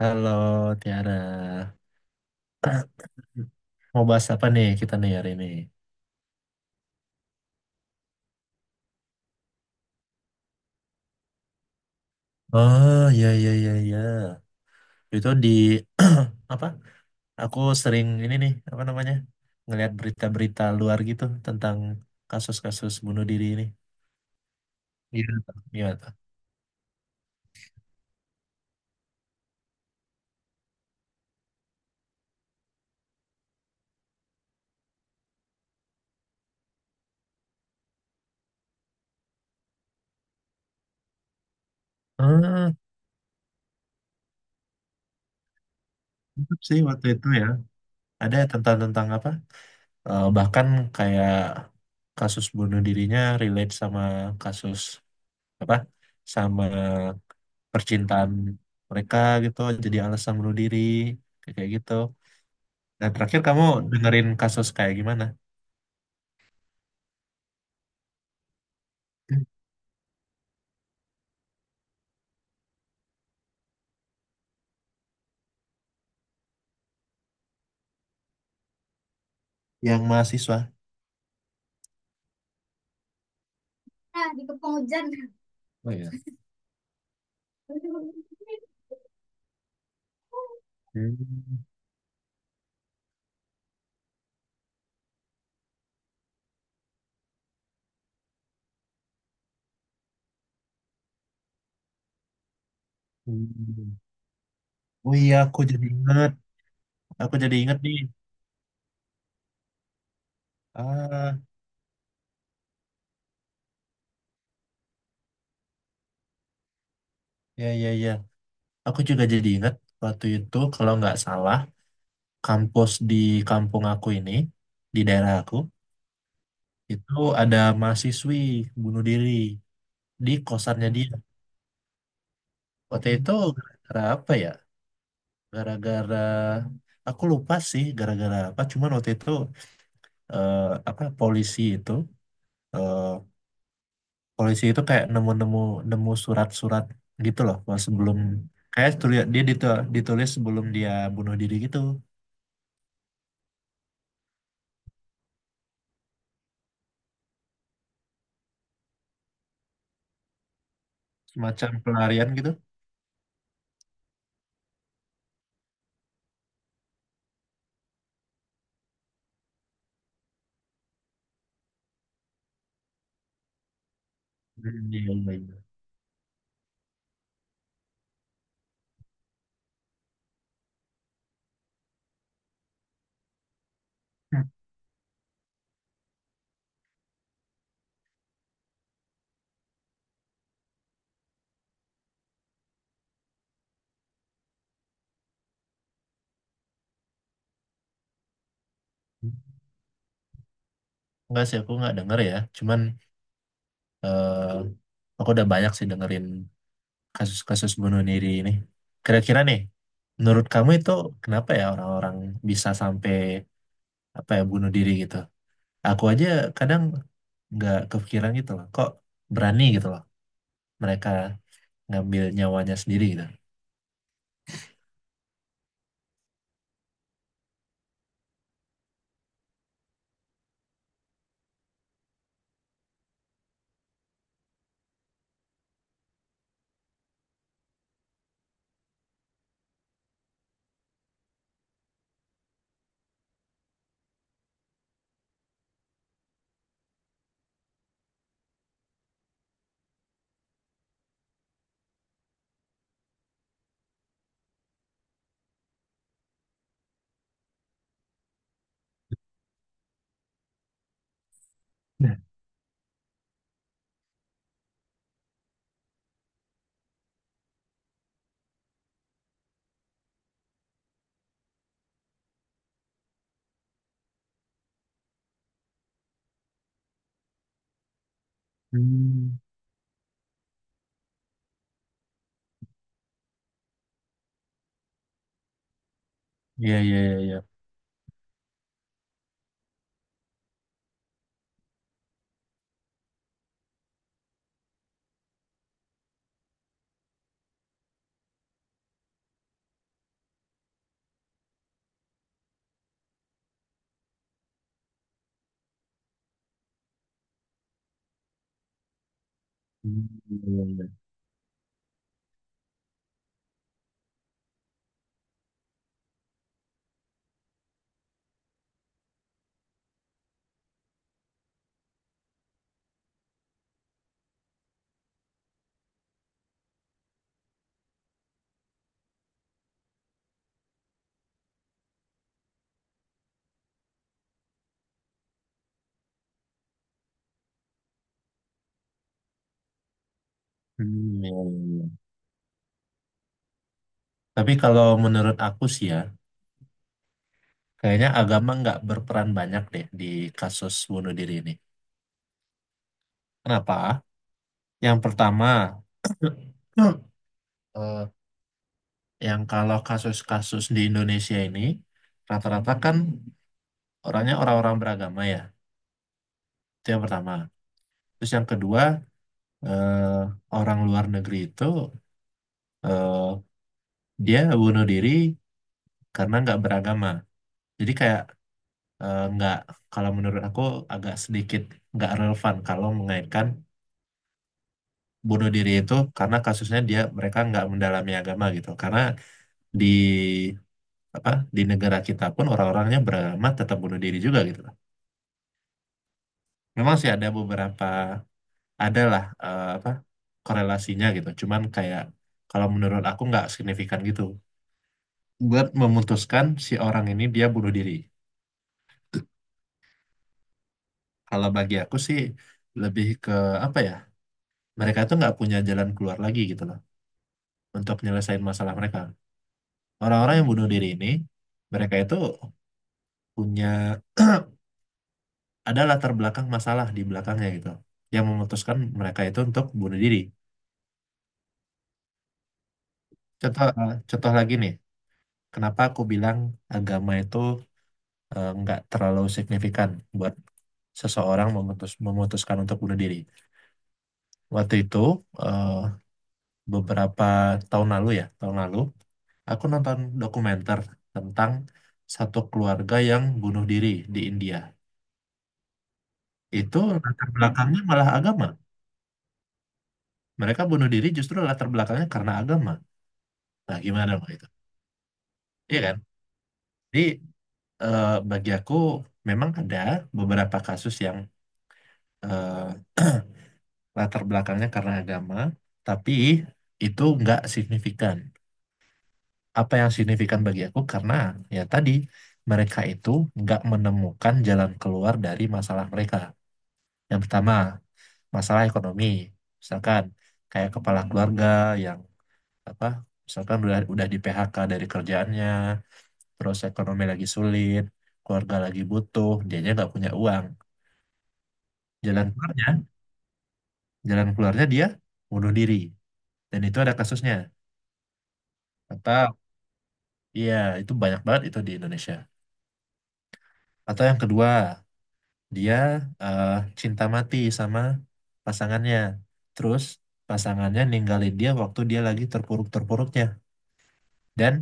Halo Tiara, mau bahas apa nih kita nih hari ini? Oh iya iya iya iya, itu di apa? Aku sering ini nih apa namanya ngelihat berita-berita luar gitu tentang kasus-kasus bunuh diri ini. Iya, tuh, iya tuh. Ah, mantap sih waktu itu ya. Ada tentang tentang apa? Bahkan kayak kasus bunuh dirinya relate sama kasus apa? Sama percintaan mereka gitu jadi alasan bunuh diri kayak kayak gitu. Dan terakhir kamu dengerin kasus kayak gimana? Hmm. Yang mahasiswa. Nah, dikepung hujan. Oh iya. Hmm. Hmm. Oh iya, aku jadi ingat. Aku jadi ingat nih. Ah, ya ya ya. Aku juga jadi ingat waktu itu kalau nggak salah kampus di kampung aku ini di daerah aku itu ada mahasiswi bunuh diri di kosannya dia. Waktu itu gara-gara apa ya? Gara-gara aku lupa sih gara-gara apa. Cuman waktu itu eh, apa polisi itu eh, polisi itu kayak nemu surat-surat gitu loh. Pas sebelum kayak ditulis sebelum dia bunuh diri gitu, semacam pelarian gitu. Hmm, iya, iya, iya. Hmm. Enggak sih aku nggak denger ya. Cuman aku udah banyak sih dengerin kasus-kasus bunuh diri ini. Kira-kira nih, menurut kamu itu kenapa ya orang-orang bisa sampai apa ya bunuh diri gitu? Aku aja kadang nggak kepikiran gitu loh. Kok berani gitu loh mereka ngambil nyawanya sendiri gitu. Nah, hmm, iya, iya, iya, iya. Hmm, iya, iya. Hmm, iya, iya, iya. Tapi kalau menurut aku sih ya, kayaknya agama nggak berperan banyak deh di kasus bunuh diri ini. Kenapa? Yang pertama, eh, yang kalau kasus-kasus di Indonesia ini rata-rata kan orangnya orang-orang beragama ya. Itu yang pertama. Terus yang kedua, eh, orang luar negeri itu eh, dia bunuh diri karena nggak beragama. Jadi kayak nggak, kalau menurut aku agak sedikit nggak relevan kalau mengaitkan bunuh diri itu karena kasusnya dia mereka nggak mendalami agama gitu. Karena di apa di negara kita pun orang-orangnya beragama tetap bunuh diri juga gitu. Memang sih ada beberapa adalah apa korelasinya gitu. Cuman kayak kalau menurut aku nggak signifikan gitu. Buat memutuskan si orang ini dia bunuh diri. Kalau bagi aku sih lebih ke apa ya? Mereka itu nggak punya jalan keluar lagi gitu loh untuk menyelesaikan masalah mereka. Orang-orang yang bunuh diri ini mereka itu punya ada latar belakang masalah di belakangnya gitu yang memutuskan mereka itu untuk bunuh diri. Contoh contoh lagi nih. Kenapa aku bilang agama itu nggak terlalu signifikan buat seseorang memutuskan untuk bunuh diri. Waktu itu eh, beberapa tahun lalu ya, tahun lalu aku nonton dokumenter tentang satu keluarga yang bunuh diri di India. Itu latar belakangnya malah agama. Mereka bunuh diri justru latar belakangnya karena agama. Nah, gimana Mbak itu? Iya kan? Jadi bagi aku memang ada beberapa kasus yang eh, latar belakangnya karena agama, tapi itu nggak signifikan. Apa yang signifikan bagi aku karena ya tadi mereka itu nggak menemukan jalan keluar dari masalah mereka. Yang pertama, masalah ekonomi. Misalkan kayak kepala keluarga yang apa misalkan udah di PHK dari kerjaannya, terus ekonomi lagi sulit, keluarga lagi butuh, dianya nggak punya uang. Jalan keluarnya, jalan keluarnya dia bunuh diri. Dan itu ada kasusnya. Apa iya, itu banyak banget itu di Indonesia. Atau yang kedua, dia eh, cinta mati sama pasangannya. Terus pasangannya ninggalin dia waktu dia lagi terpuruk-terpuruknya. Dan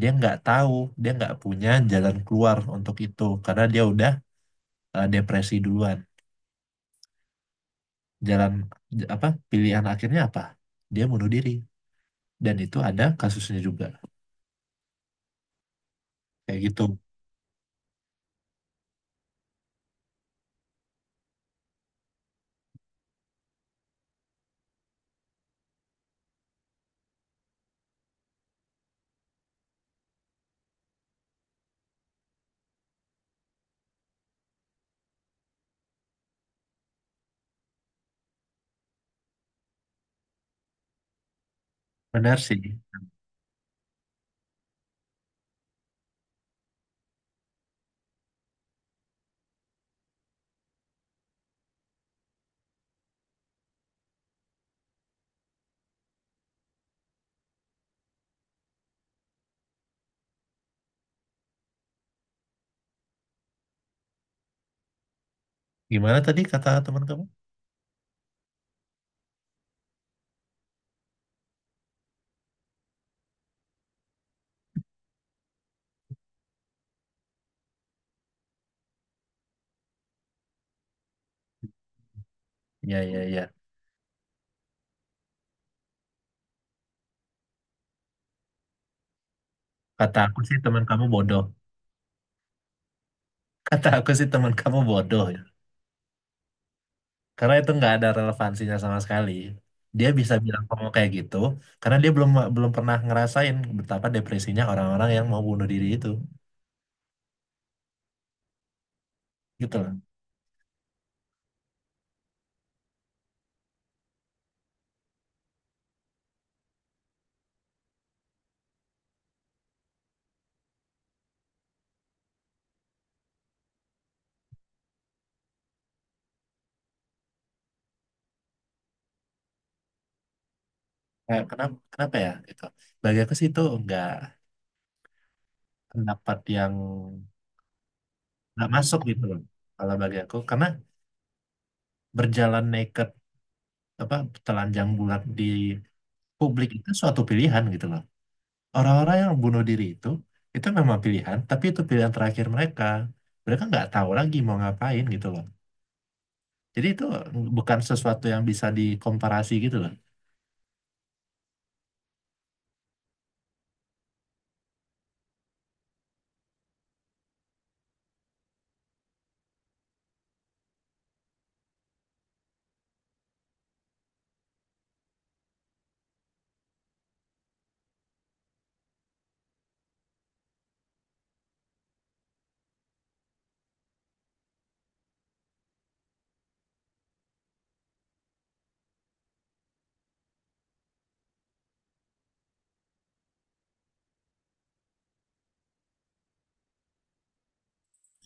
dia nggak tahu, dia nggak punya jalan keluar untuk itu. Karena dia udah depresi duluan. Jalan, pilihan akhirnya apa? Dia bunuh diri. Dan itu ada kasusnya juga. Kayak gitu. Benar sih. Gimana tadi kata teman kamu? Ya, ya, ya. Kata aku sih teman kamu bodoh. Kata aku sih teman kamu bodoh ya. Karena itu nggak ada relevansinya sama sekali. Dia bisa bilang kamu kayak gitu karena dia belum belum pernah ngerasain betapa depresinya orang-orang yang mau bunuh diri itu. Gitu loh. Kayak kenapa kenapa ya gitu. Bagi aku sih itu nggak pendapat yang nggak masuk gitu loh. Kalau bagi aku karena berjalan naked apa telanjang bulat di publik itu suatu pilihan gitu loh. Orang-orang yang bunuh diri itu memang pilihan, tapi itu pilihan terakhir mereka. Mereka nggak tahu lagi mau ngapain gitu loh. Jadi itu bukan sesuatu yang bisa dikomparasi gitu loh.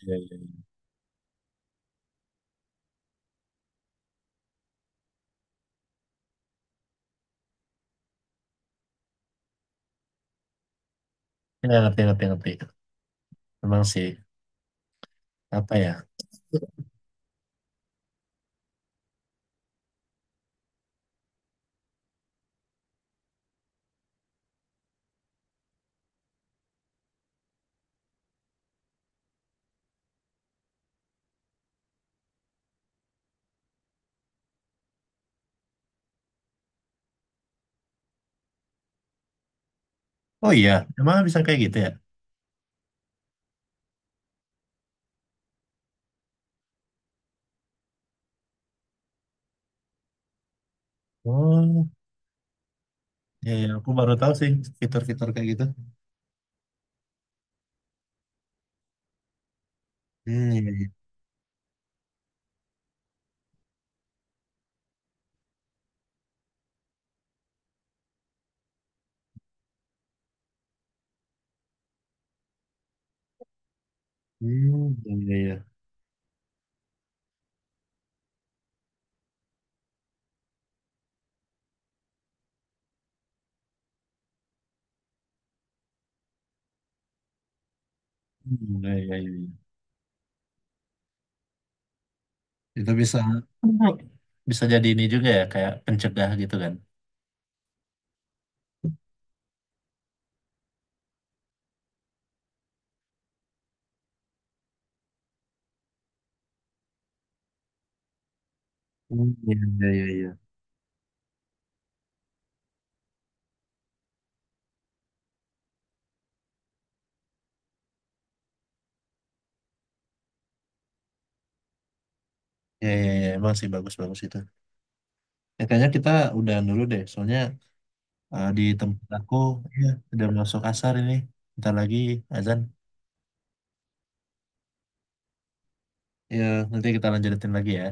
Iya, iya. Nggak ngerti, ngerti, ngerti. Memang sih, apa ya? Oh iya, emang bisa kayak gitu ya? Oh, iya, iya. Aku baru tahu sih fitur-fitur kayak gitu. Hmm, iya, iya. Hmm, iya, iya. Hmm, iya, iya, iya. Itu bisa, bisa jadi ini juga ya, kayak pencegah gitu kan. Hmm, iya, iya, iya. Iya, iya, iya. Emang sih bagus-bagus itu. Ya, kayaknya kita udahan dulu deh, soalnya di tempat aku ya, udah masuk asar ini. Bentar lagi azan. Ya, nanti kita lanjutin lagi ya.